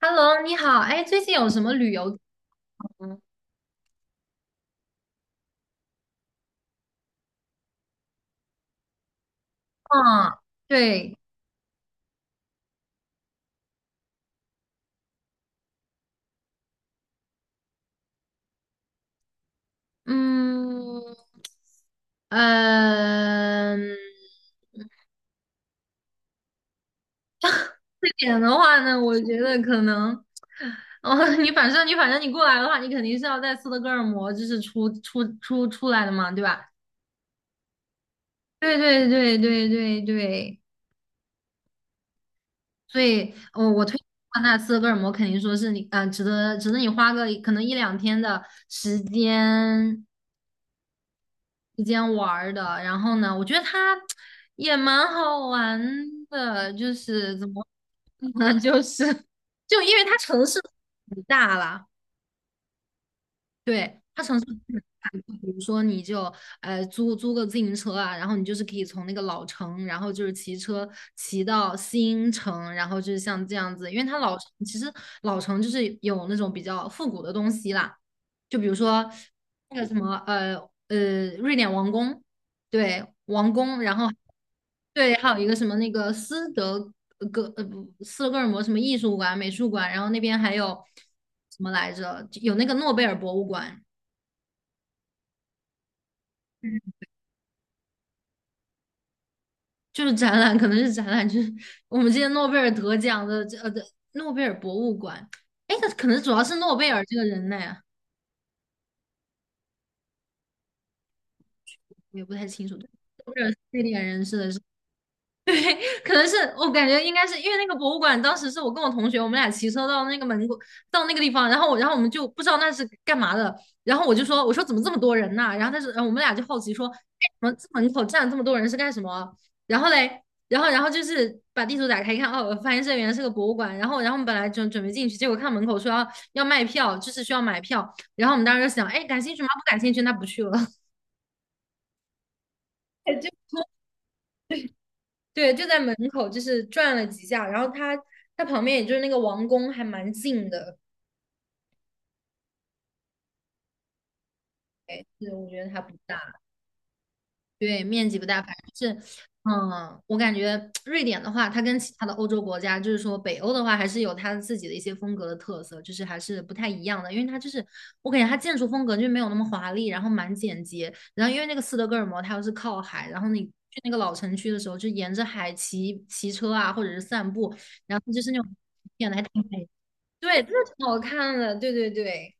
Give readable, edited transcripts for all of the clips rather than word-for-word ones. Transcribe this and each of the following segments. Hello，你好，哎，最近有什么旅游吗？嗯，对，嗯，嗯，这点的话呢，我觉得可能，哦，你反正你过来的话，你肯定是要在斯德哥尔摩就是出来的嘛，对吧？对对对对对对，所以，我推荐的话那斯德哥尔摩肯定说是你，啊、值得你花个可能一两天的时间，之间玩儿的。然后呢，我觉得它也蛮好玩的，就是怎么说呢，就是就因为它城市很大啦，对，它城市很大，比如说你就租个自行车啊，然后你就是可以从那个老城，然后就是骑车骑到新城，然后就是像这样子，因为它老城其实老城就是有那种比较复古的东西啦。就比如说那个什么瑞典王宫，对，王宫，然后对，还有一个什么那个斯德哥呃不斯德哥尔摩什么艺术馆、美术馆，然后那边还有什么来着？就有那个诺贝尔博物馆，就是展览，可能是展览，就是我们之前诺贝尔得奖的这的诺贝尔博物馆。哎，那可能主要是诺贝尔这个人呢，我也不太清楚。诺贝尔非典人士的可能是我感觉应该是因为那个博物馆，当时是我跟我同学，我们俩骑车到那个门口，到那个地方，然后我们就不知道那是干嘛的，然后我就说，我说怎么这么多人呐、然后他说，然后我们俩就好奇说，哎，怎么这门口站了这么多人是干什么？然后嘞，然后就是把地图打开一看，哦，发现这原来是个博物馆，然后我们本来准备进去，结果看门口说要卖票，就是需要买票，然后我们当时就想，哎，感兴趣吗？不感兴趣，那不去了。哎，就对，就在门口，就是转了几下，然后它旁边也就是那个王宫还蛮近的，对，我觉得它不大，对，面积不大，反正就是，嗯，我感觉瑞典的话，它跟其他的欧洲国家，就是说北欧的话，还是有它自己的一些风格的特色，就是还是不太一样的，因为它就是我感觉它建筑风格就没有那么华丽，然后蛮简洁，然后因为那个斯德哥尔摩它又是靠海，然后你去那个老城区的时候，就沿着海骑车啊，或者是散步，然后就是那种天得还挺美对，这个挺好看的，对对对。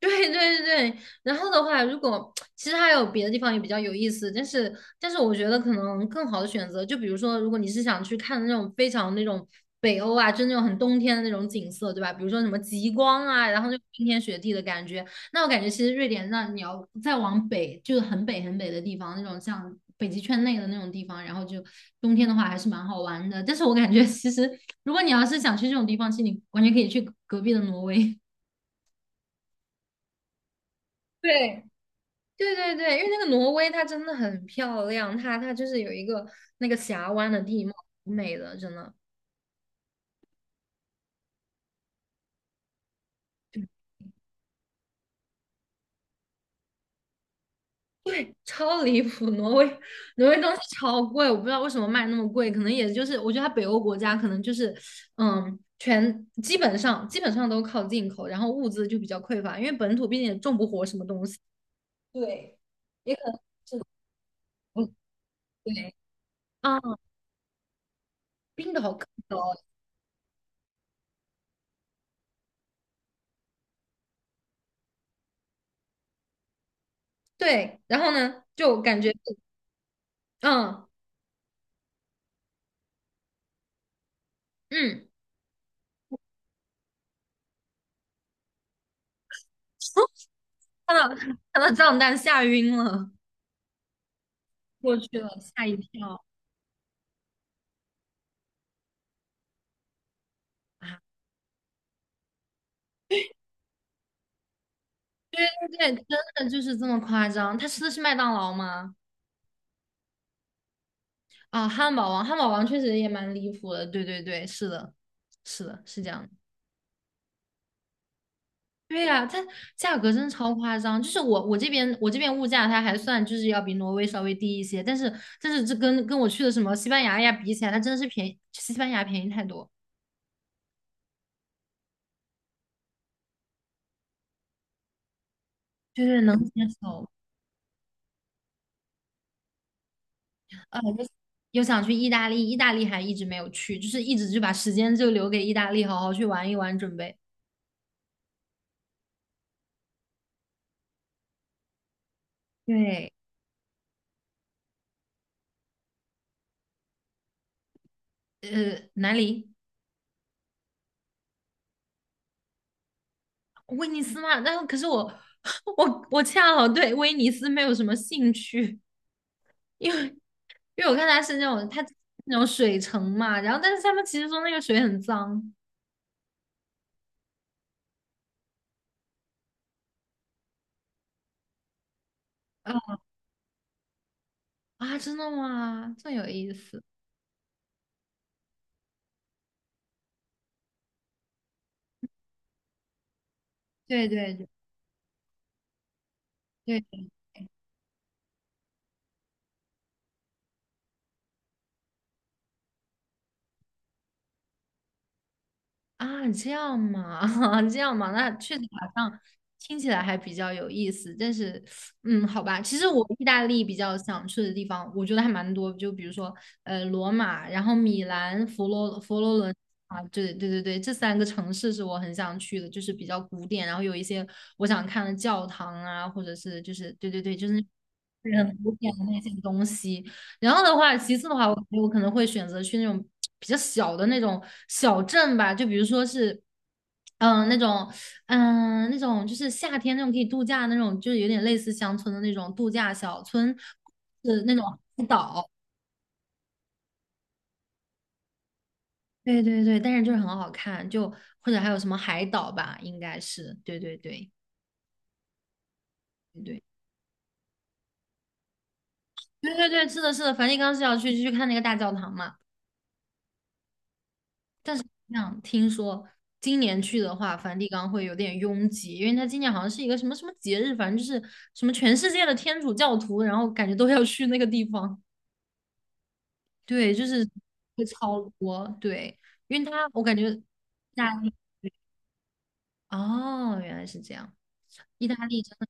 对对对，然后的话，如果其实还有别的地方也比较有意思，但是我觉得可能更好的选择，就比如说，如果你是想去看那种非常那种北欧啊，就那种很冬天的那种景色，对吧？比如说什么极光啊，然后那种冰天雪地的感觉，那我感觉其实瑞典，那你要再往北，就是很北很北的地方，那种像北极圈内的那种地方，然后就冬天的话还是蛮好玩的。但是我感觉其实，如果你要是想去这种地方，其实你完全可以去隔壁的挪威。对，对对对，因为那个挪威它真的很漂亮，它就是有一个那个峡湾的地貌，美的真的超离谱。挪威东西超贵，我不知道为什么卖那么贵，可能也就是我觉得它北欧国家可能就是嗯，全基本上基本上都靠进口，然后物资就比较匮乏，因为本土毕竟也种不活什么东西。对，也可能不对啊，冰岛更高。对，然后呢，就感觉嗯嗯。看到看到账单吓晕了，过去了，吓一跳啊！对，真的就是这么夸张。他吃的是麦当劳吗？啊，汉堡王，汉堡王确实也蛮离谱的。对对对，是的，是的，是这样的。对呀、它价格真的超夸张。就是我这边物价它还算就是要比挪威稍微低一些，但是这跟我去的什么西班牙呀比起来，它真的是便宜，西班牙便宜太多。对对，能接受。呃，有又想去意大利，意大利还一直没有去，就是一直就把时间就留给意大利，好好去玩一玩，准备。对，哪里？威尼斯嘛，可是我 我恰好对威尼斯没有什么兴趣，因为因为我看它是那种它那种水城嘛，然后但是他们其实说那个水很脏。呃啊，真的吗？这么有意思。对对对对啊，这样嘛，这样嘛，那确实好像听起来还比较有意思。但是，嗯，好吧，其实我意大利比较想去的地方，我觉得还蛮多，就比如说，呃，罗马，然后米兰、佛罗伦啊，对对对对，这三个城市是我很想去的，就是比较古典，然后有一些我想看的教堂啊，或者是就是对对对，就是很古典的那些东西。然后的话，其次的话，我可能会选择去那种比较小的那种小镇吧，就比如说是，嗯、那种，嗯、那种就是夏天那种可以度假的那种，就是有点类似乡村的那种度假小村，是那种海岛。对对对，但是就是很好看，就或者还有什么海岛吧，应该是，对对对对对对对，是的，是的，梵蒂冈是要去去看那个大教堂嘛。像听说今年去的话，梵蒂冈会有点拥挤，因为它今年好像是一个什么什么节日，反正就是什么全世界的天主教徒，然后感觉都要去那个地方。对，就是会超多。对，因为它我感觉意大利哦，原来是这样。意大利真的。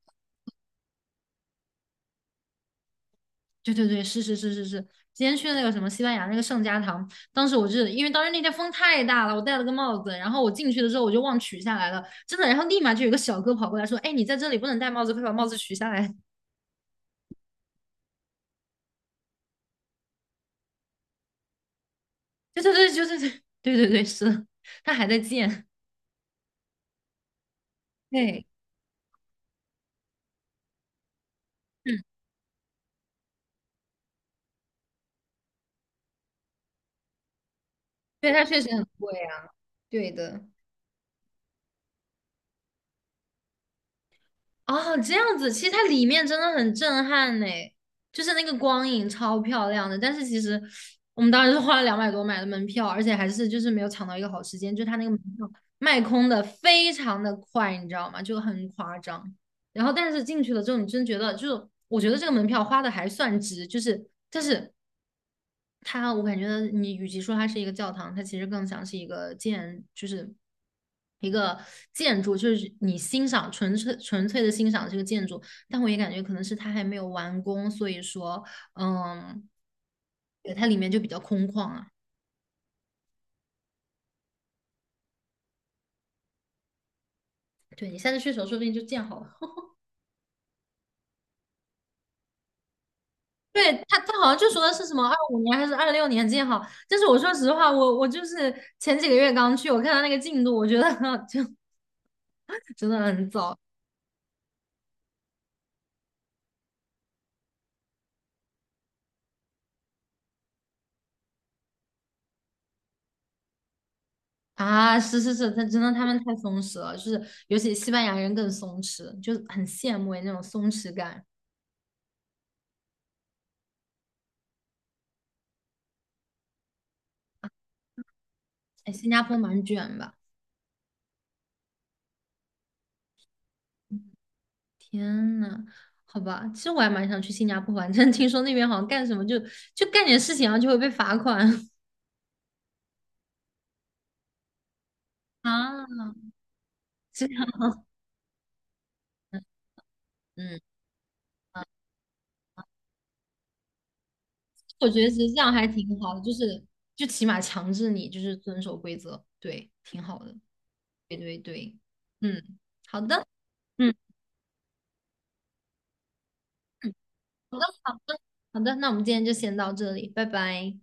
对对对，是是是是是，今天去的那个什么西班牙那个圣家堂，当时我是因为当时那天风太大了，我戴了个帽子，然后我进去的时候我就忘取下来了，真的，然后立马就有个小哥跑过来说：“哎，你在这里不能戴帽子，快把帽子取下来。对对对，就是对 对对对，是的，他还在建，对对，他确实很贵啊，对的。哦，这样子，其实它里面真的很震撼呢，就是那个光影超漂亮的。但是其实我们当时是花了200多买的门票，而且还是就是没有抢到一个好时间，就它那个门票卖空的非常的快，你知道吗？就很夸张。然后但是进去了之后，你真觉得就是，我觉得这个门票花的还算值，就是但是它，我感觉你与其说它是一个教堂，它其实更像是一个建，就是一个建筑，就是你欣赏纯粹的欣赏这个建筑。但我也感觉可能是它还没有完工，所以说，嗯，对，它里面就比较空旷啊。对你下次去的时候，说不定就建好了。对，他好像就说的是什么25年还是26年建好，但是我说实话，我就是前几个月刚去，我看他那个进度，我觉得 就真的很早。啊，是是是，他真的他们太松弛了，就是尤其西班牙人更松弛，就很羡慕那种松弛感。哎，新加坡蛮卷吧？天呐，好吧，其实我还蛮想去新加坡玩，但是听说那边好像干什么就干点事情，然后就会被罚款 啊。这样，嗯，啊我觉得其实这样还挺好的，就是就起码强制你就是遵守规则，对，挺好的。对对对，嗯，好的，嗯。好的，好的，好的，那我们今天就先到这里，拜拜。